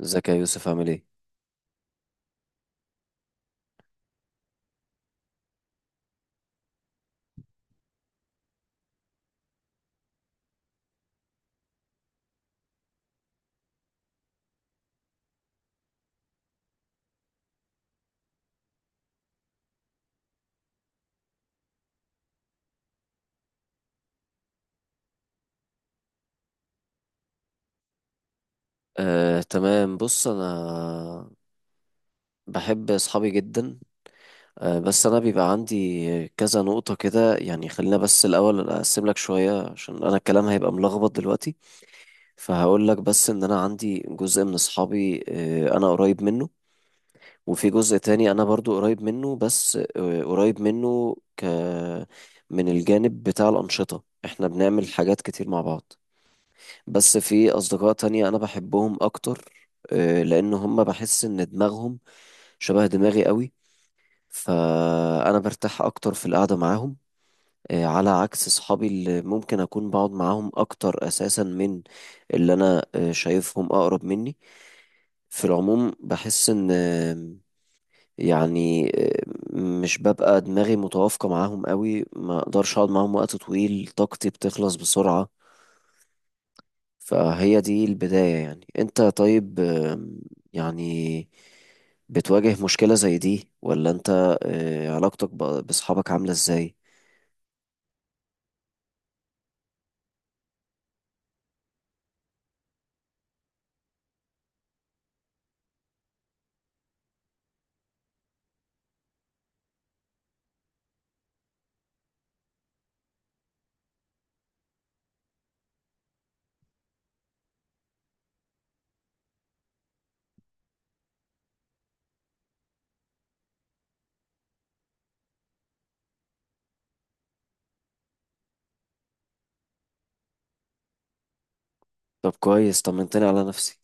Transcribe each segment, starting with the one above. ازيك يا يوسف عامل ايه؟ تمام. بص انا بحب اصحابي جدا. بس انا بيبقى عندي كذا نقطة كده، يعني خلينا بس الاول اقسم لك شوية عشان انا الكلام هيبقى ملخبط دلوقتي. فهقول لك بس ان انا عندي جزء من اصحابي انا قريب منه، وفي جزء تاني انا برضو قريب منه بس قريب منه ك من الجانب بتاع الأنشطة، احنا بنعمل حاجات كتير مع بعض، بس في أصدقاء تانية أنا بحبهم أكتر لأن هم بحس إن دماغهم شبه دماغي قوي، فأنا برتاح أكتر في القعدة معاهم، على عكس صحابي اللي ممكن أكون بقعد معاهم أكتر أساسا من اللي أنا شايفهم أقرب مني. في العموم بحس إن يعني آه، مش ببقى دماغي متوافقة معاهم قوي، ما أقدرش أقعد معاهم وقت طويل، طاقتي بتخلص بسرعة. فهي دي البداية. يعني انت طيب، آم، يعني بتواجه مشكلة زي دي، ولا انت علاقتك بأصحابك عاملة ازاي؟ طب كويس، طمنتني على نفسي.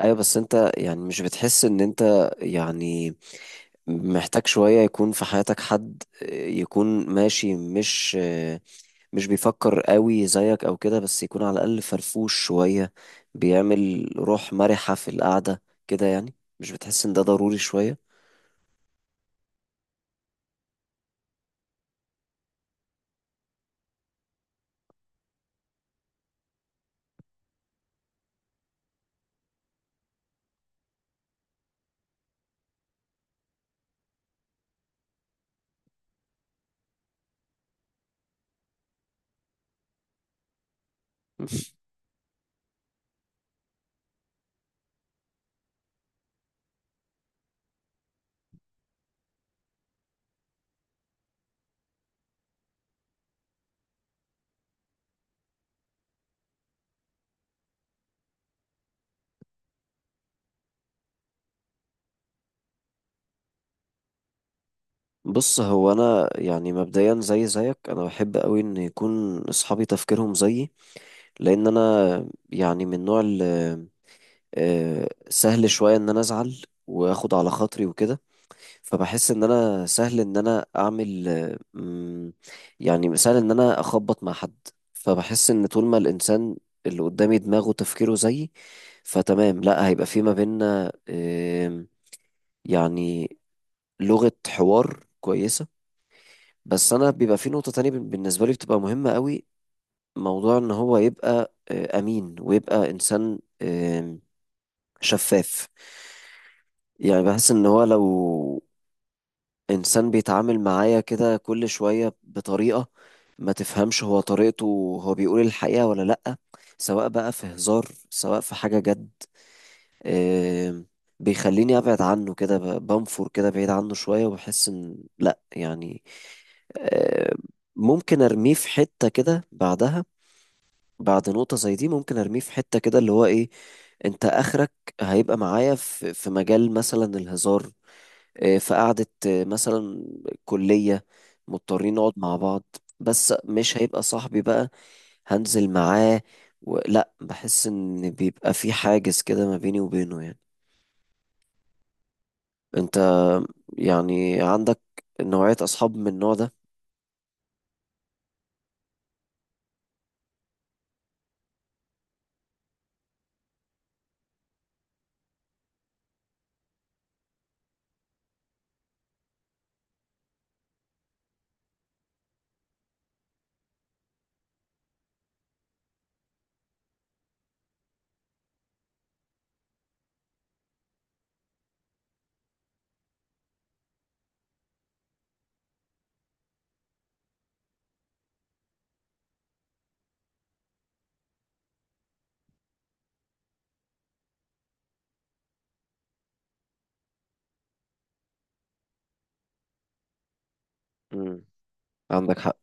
ايوه بس انت يعني مش بتحس ان انت يعني محتاج شوية يكون في حياتك حد يكون ماشي، مش مش بيفكر قوي زيك او كده، بس يكون على الاقل فرفوش شوية، بيعمل روح مرحة في القعدة كده يعني؟ مش بتحس ان ده ضروري شوية؟ بص هو انا يعني مبدئيا زي زيك، انا بحب قوي ان يكون اصحابي تفكيرهم زيي، لان انا يعني من نوع سهل شويه ان انا ازعل واخد على خاطري وكده، فبحس ان انا سهل ان انا اعمل يعني سهل ان انا اخبط مع حد. فبحس ان طول ما الانسان اللي قدامي دماغه تفكيره زيي، فتمام، لا هيبقى في ما بيننا آم، يعني لغة حوار كويسة. بس انا بيبقى في نقطة تانية بالنسبة لي بتبقى مهمة قوي، موضوع ان هو يبقى امين، ويبقى انسان شفاف. يعني بحس ان هو لو انسان بيتعامل معايا كده كل شوية بطريقة ما تفهمش هو طريقته، هو بيقول الحقيقة ولا لأ، سواء بقى في هزار سواء في حاجة جد، آم، بيخليني ابعد عنه كده بنفر كده بعيد عنه شوية، وبحس ان لا يعني آم، ممكن ارميه في حتة كده بعدها. بعد نقطة زي دي ممكن ارميه في حتة كده اللي هو ايه، انت اخرك هيبقى معايا في في مجال مثلا الهزار، في قعدة مثلا كلية، مضطرين نقعد مع بعض، بس مش هيبقى صاحبي بقى. هنزل معاه و... لا، بحس ان بيبقى في حاجز كده ما بيني وبينه يعني. انت يعني عندك نوعية أصحاب من النوع ده؟ امم، عندك حق.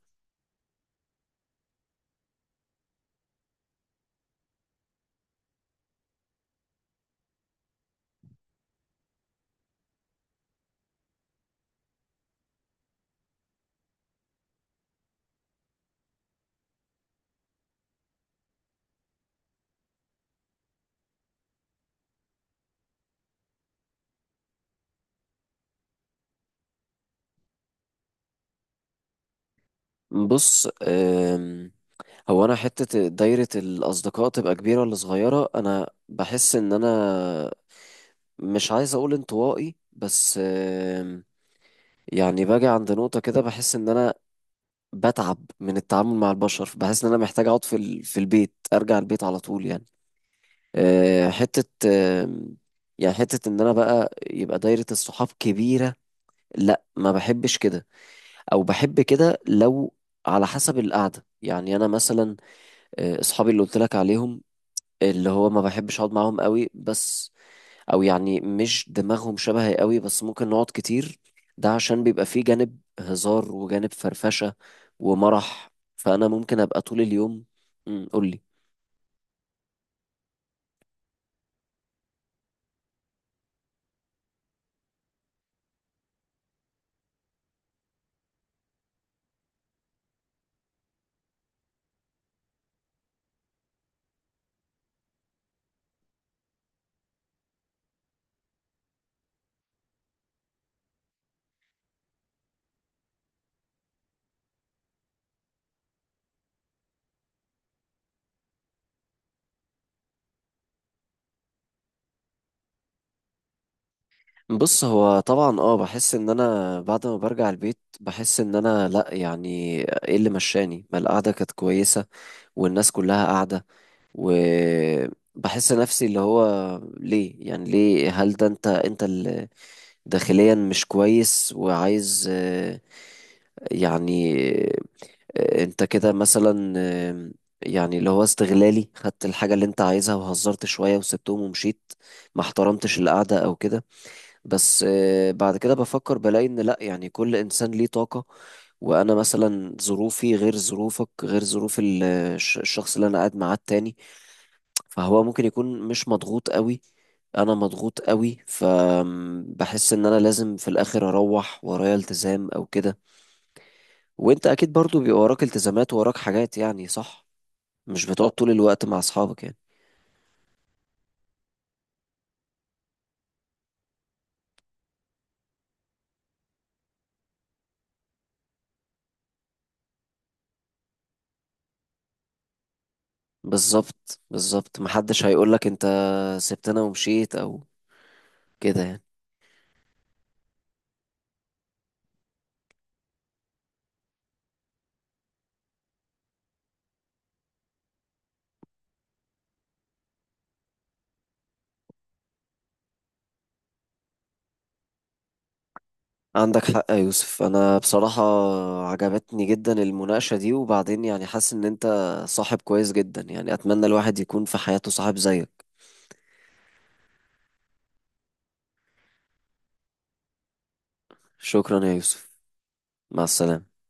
بص هو أنا حتة دايرة الأصدقاء تبقى كبيرة ولا صغيرة، أنا بحس إن أنا مش عايز أقول انطوائي بس يعني باجي عند نقطة كده بحس إن أنا بتعب من التعامل مع البشر، بحس إن أنا محتاج أقعد في في البيت، أرجع البيت على طول يعني. أه، حتة أم، يعني حتة إن أنا بقى يبقى دايرة الصحاب كبيرة، لا ما بحبش كده. او بحب كده لو على حسب القعده. يعني انا مثلا اصحابي اللي قلت لك عليهم، اللي هو ما بحبش اقعد معاهم قوي، بس او يعني مش دماغهم شبهي قوي، بس ممكن نقعد كتير، ده عشان بيبقى فيه جانب هزار وجانب فرفشه ومرح، فانا ممكن ابقى طول اليوم. قول لي. بص هو طبعا اه، بحس ان انا بعد ما برجع البيت بحس ان انا لا يعني ايه اللي مشاني، ما القعده كانت كويسه والناس كلها قاعده، وبحس نفسي اللي هو ليه، يعني ليه، هل ده انت انت داخليا مش كويس وعايز يعني انت كده مثلا اللي هو استغلالي، خدت الحاجة اللي انت عايزها وهزرت شوية وسبتهم ومشيت، ما احترمتش القعدة او كده. بس بعد كده بفكر بلاقي ان لا، يعني كل انسان ليه طاقة، وانا مثلا ظروفي غير ظروفك غير ظروف الشخص اللي انا قاعد معاه التاني، فهو ممكن يكون مش مضغوط قوي، انا مضغوط قوي، فبحس ان انا لازم في الاخر اروح ورايا التزام او كده. وانت اكيد برضو بيبقى وراك التزامات ووراك حاجات، يعني صح، مش بتقعد طول الوقت مع اصحابك يعني. بالظبط بالظبط، محدش هيقولك انت سبتنا ومشيت او كده يعني. عندك حق يا يوسف. انا بصراحة عجبتني جدا المناقشة دي، وبعدين يعني حاسس ان انت صاحب كويس جدا، يعني اتمنى الواحد يكون في حياته صاحب زيك. شكرا يا يوسف، مع السلامة.